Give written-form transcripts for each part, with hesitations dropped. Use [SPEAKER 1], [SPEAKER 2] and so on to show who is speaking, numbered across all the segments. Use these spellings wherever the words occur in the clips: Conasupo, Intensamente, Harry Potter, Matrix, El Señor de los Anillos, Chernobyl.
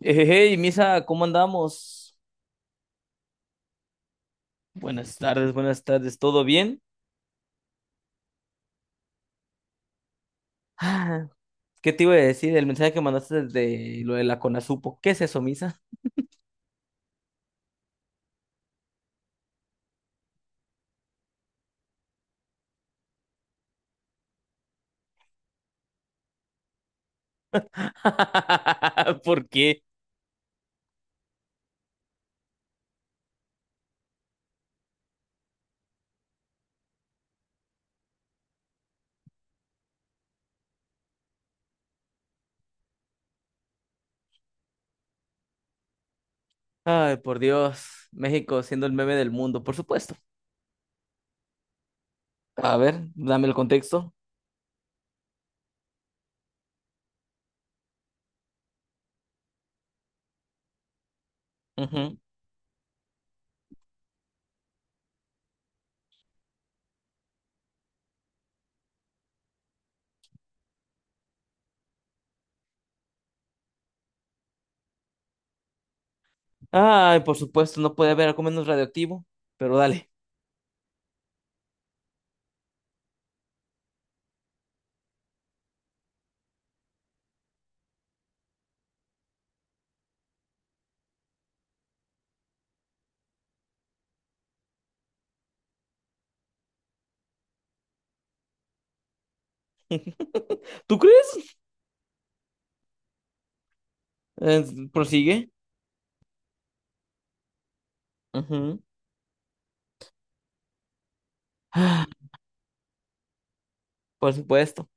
[SPEAKER 1] Hey, Misa, ¿cómo andamos? Buenas tardes, ¿todo bien? Ah, ¿qué te iba a decir? El mensaje que mandaste de lo de la Conasupo. ¿Qué es eso, Misa? ¿Por qué? Ay, por Dios. México siendo el meme del mundo, por supuesto. A ver, dame el contexto. Ujú. Ay, por supuesto, no puede haber algo menos radioactivo, pero dale. ¿Tú crees? Eh, prosigue. Ujú. Ah, por supuesto.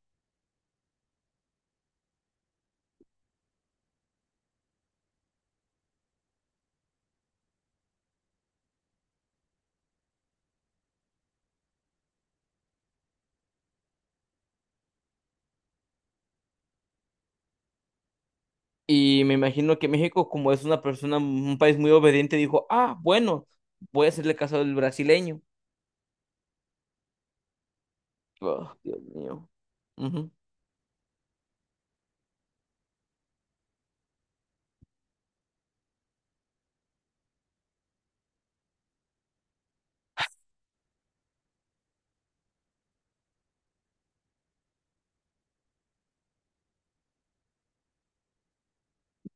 [SPEAKER 1] Y me imagino que México, como es una persona, un país muy obediente, dijo, ah, bueno, voy a hacerle caso al brasileño. Oh, Dios mío. Ujú,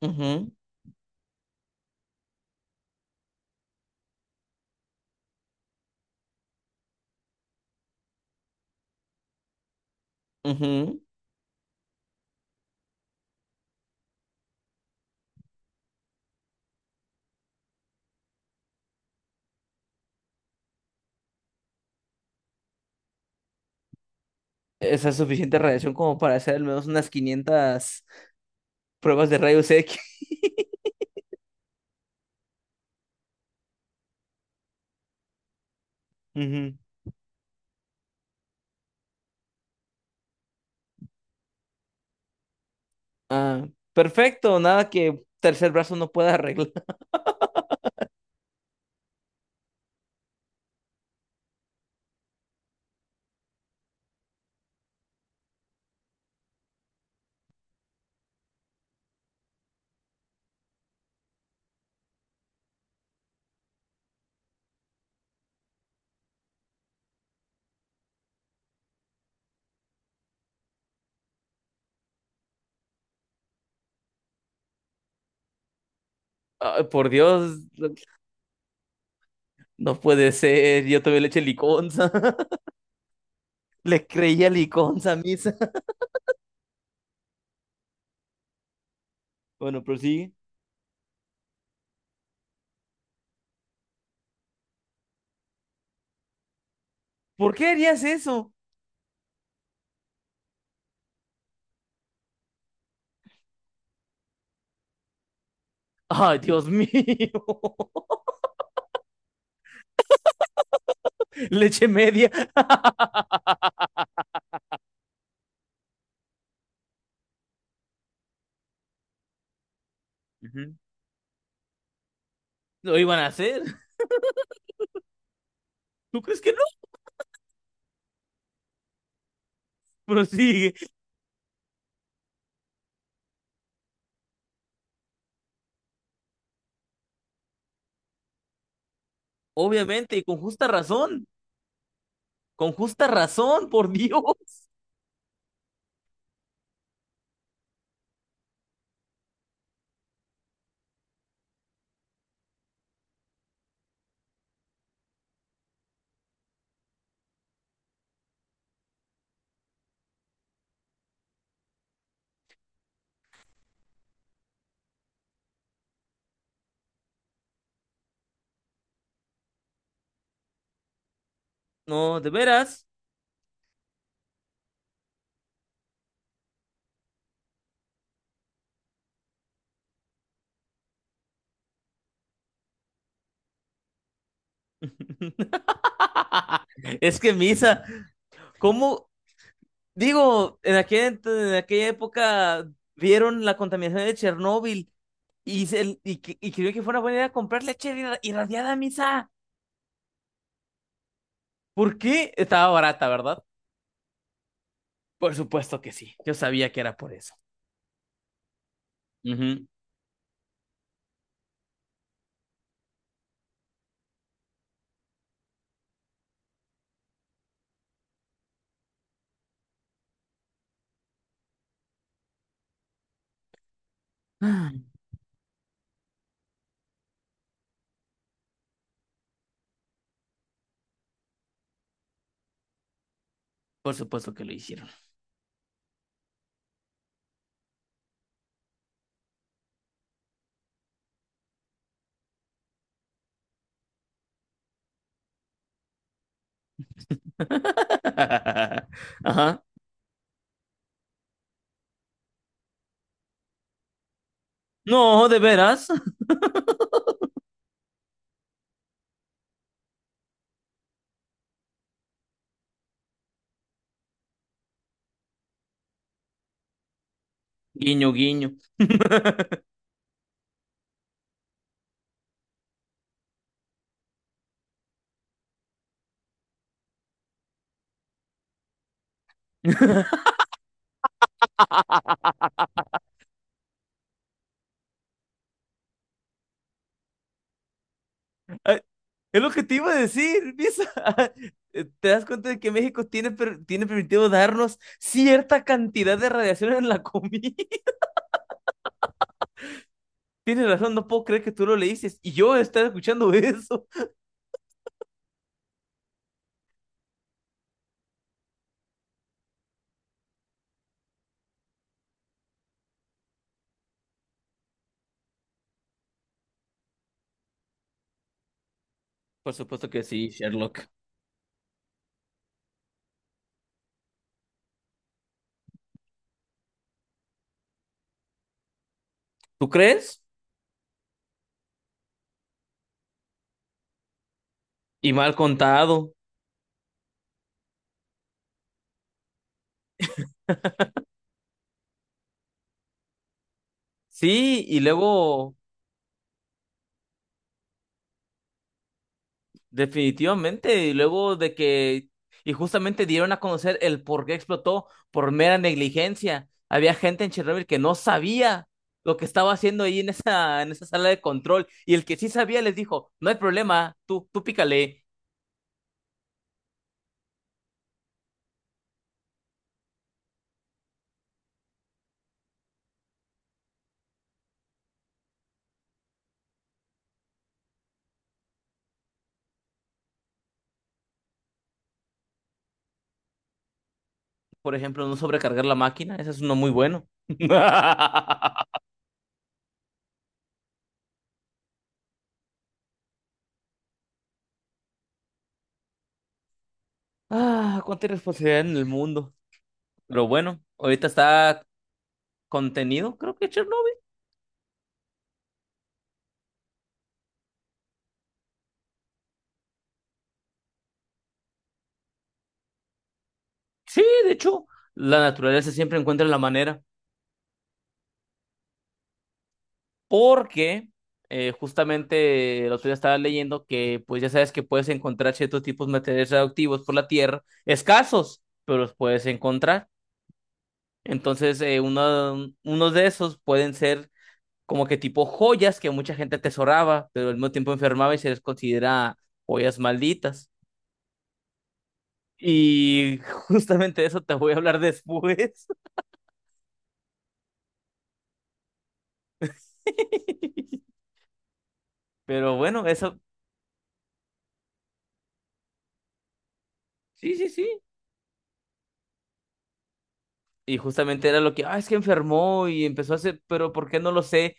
[SPEAKER 1] ujú, ujú. Esa es suficiente radiación como para hacer al menos unas 500 pruebas de rayos X. Ujú. Ah, perfecto, nada que tercer brazo no pueda arreglar. Ay, por Dios, no puede ser. Yo también le eché liconza. Le creía liconza a misa. Bueno, pero sí. ¿Por qué harías eso? Ay, Dios mío. Leche media. Ujú. Lo iban a hacer. ¿Tú crees que no? Prosigue. Obviamente, y con justa razón. Con justa razón, por Dios. No, de veras. Es que misa, ¿cómo? Digo, en aquella época vieron la contaminación de Chernóbil y, se, y, y creyó que fuera buena idea comprar leche irradiada, misa. ¿Por qué? Estaba barata, ¿verdad? Por supuesto que sí. Yo sabía que era por eso. Ujú. Por supuesto que lo hicieron. Ajá. No, de veras. Guiño, guiño. Ay, es lo que te iba a decir, Misa. ¿Te das cuenta de que México tiene, tiene permitido darnos cierta cantidad de radiación en la comida? Tienes razón, no puedo creer que tú lo le dices y yo estar escuchando eso. Por supuesto que sí, Sherlock. ¿Tú crees? Y mal contado. Sí, y luego definitivamente, y luego de que, y justamente dieron a conocer el por qué explotó por mera negligencia. Había gente en Chernobyl que no sabía lo que estaba haciendo ahí en esa sala de control, y el que sí sabía les dijo, no hay problema, tú pícale, por ejemplo, no sobrecargar la máquina, ese es uno muy bueno. Ah, cuánta irresponsabilidad en el mundo. Pero bueno, ahorita está contenido, creo que Chernobyl. Sí, de hecho, la naturaleza siempre encuentra la manera. Porque justamente el otro día estaba leyendo que pues ya sabes que puedes encontrar ciertos tipos de materiales radioactivos por la Tierra, escasos, pero los puedes encontrar. Entonces, unos de esos pueden ser como que tipo joyas que mucha gente atesoraba, pero al mismo tiempo enfermaba y se les considera joyas malditas. Y justamente de eso te voy a hablar después. Pero bueno, eso, sí, sí, sí. Y justamente era lo que, ah, es que enfermó y empezó a hacer, pero ¿por qué no lo sé?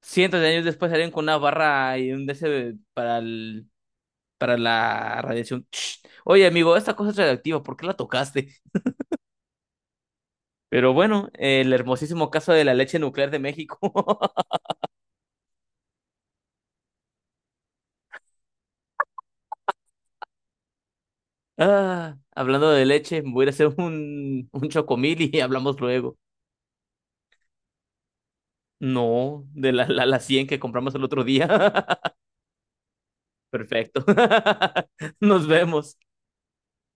[SPEAKER 1] Cientos de años después salieron con una barra y un DC para para la radiación. Oye, amigo, esta cosa es radioactiva, ¿por qué la tocaste? Pero bueno, el hermosísimo caso de la leche nuclear de México. Ah, hablando de leche, voy a ir a hacer un chocomil y hablamos luego. No, de la 100 que compramos el otro día. Perfecto. Nos vemos.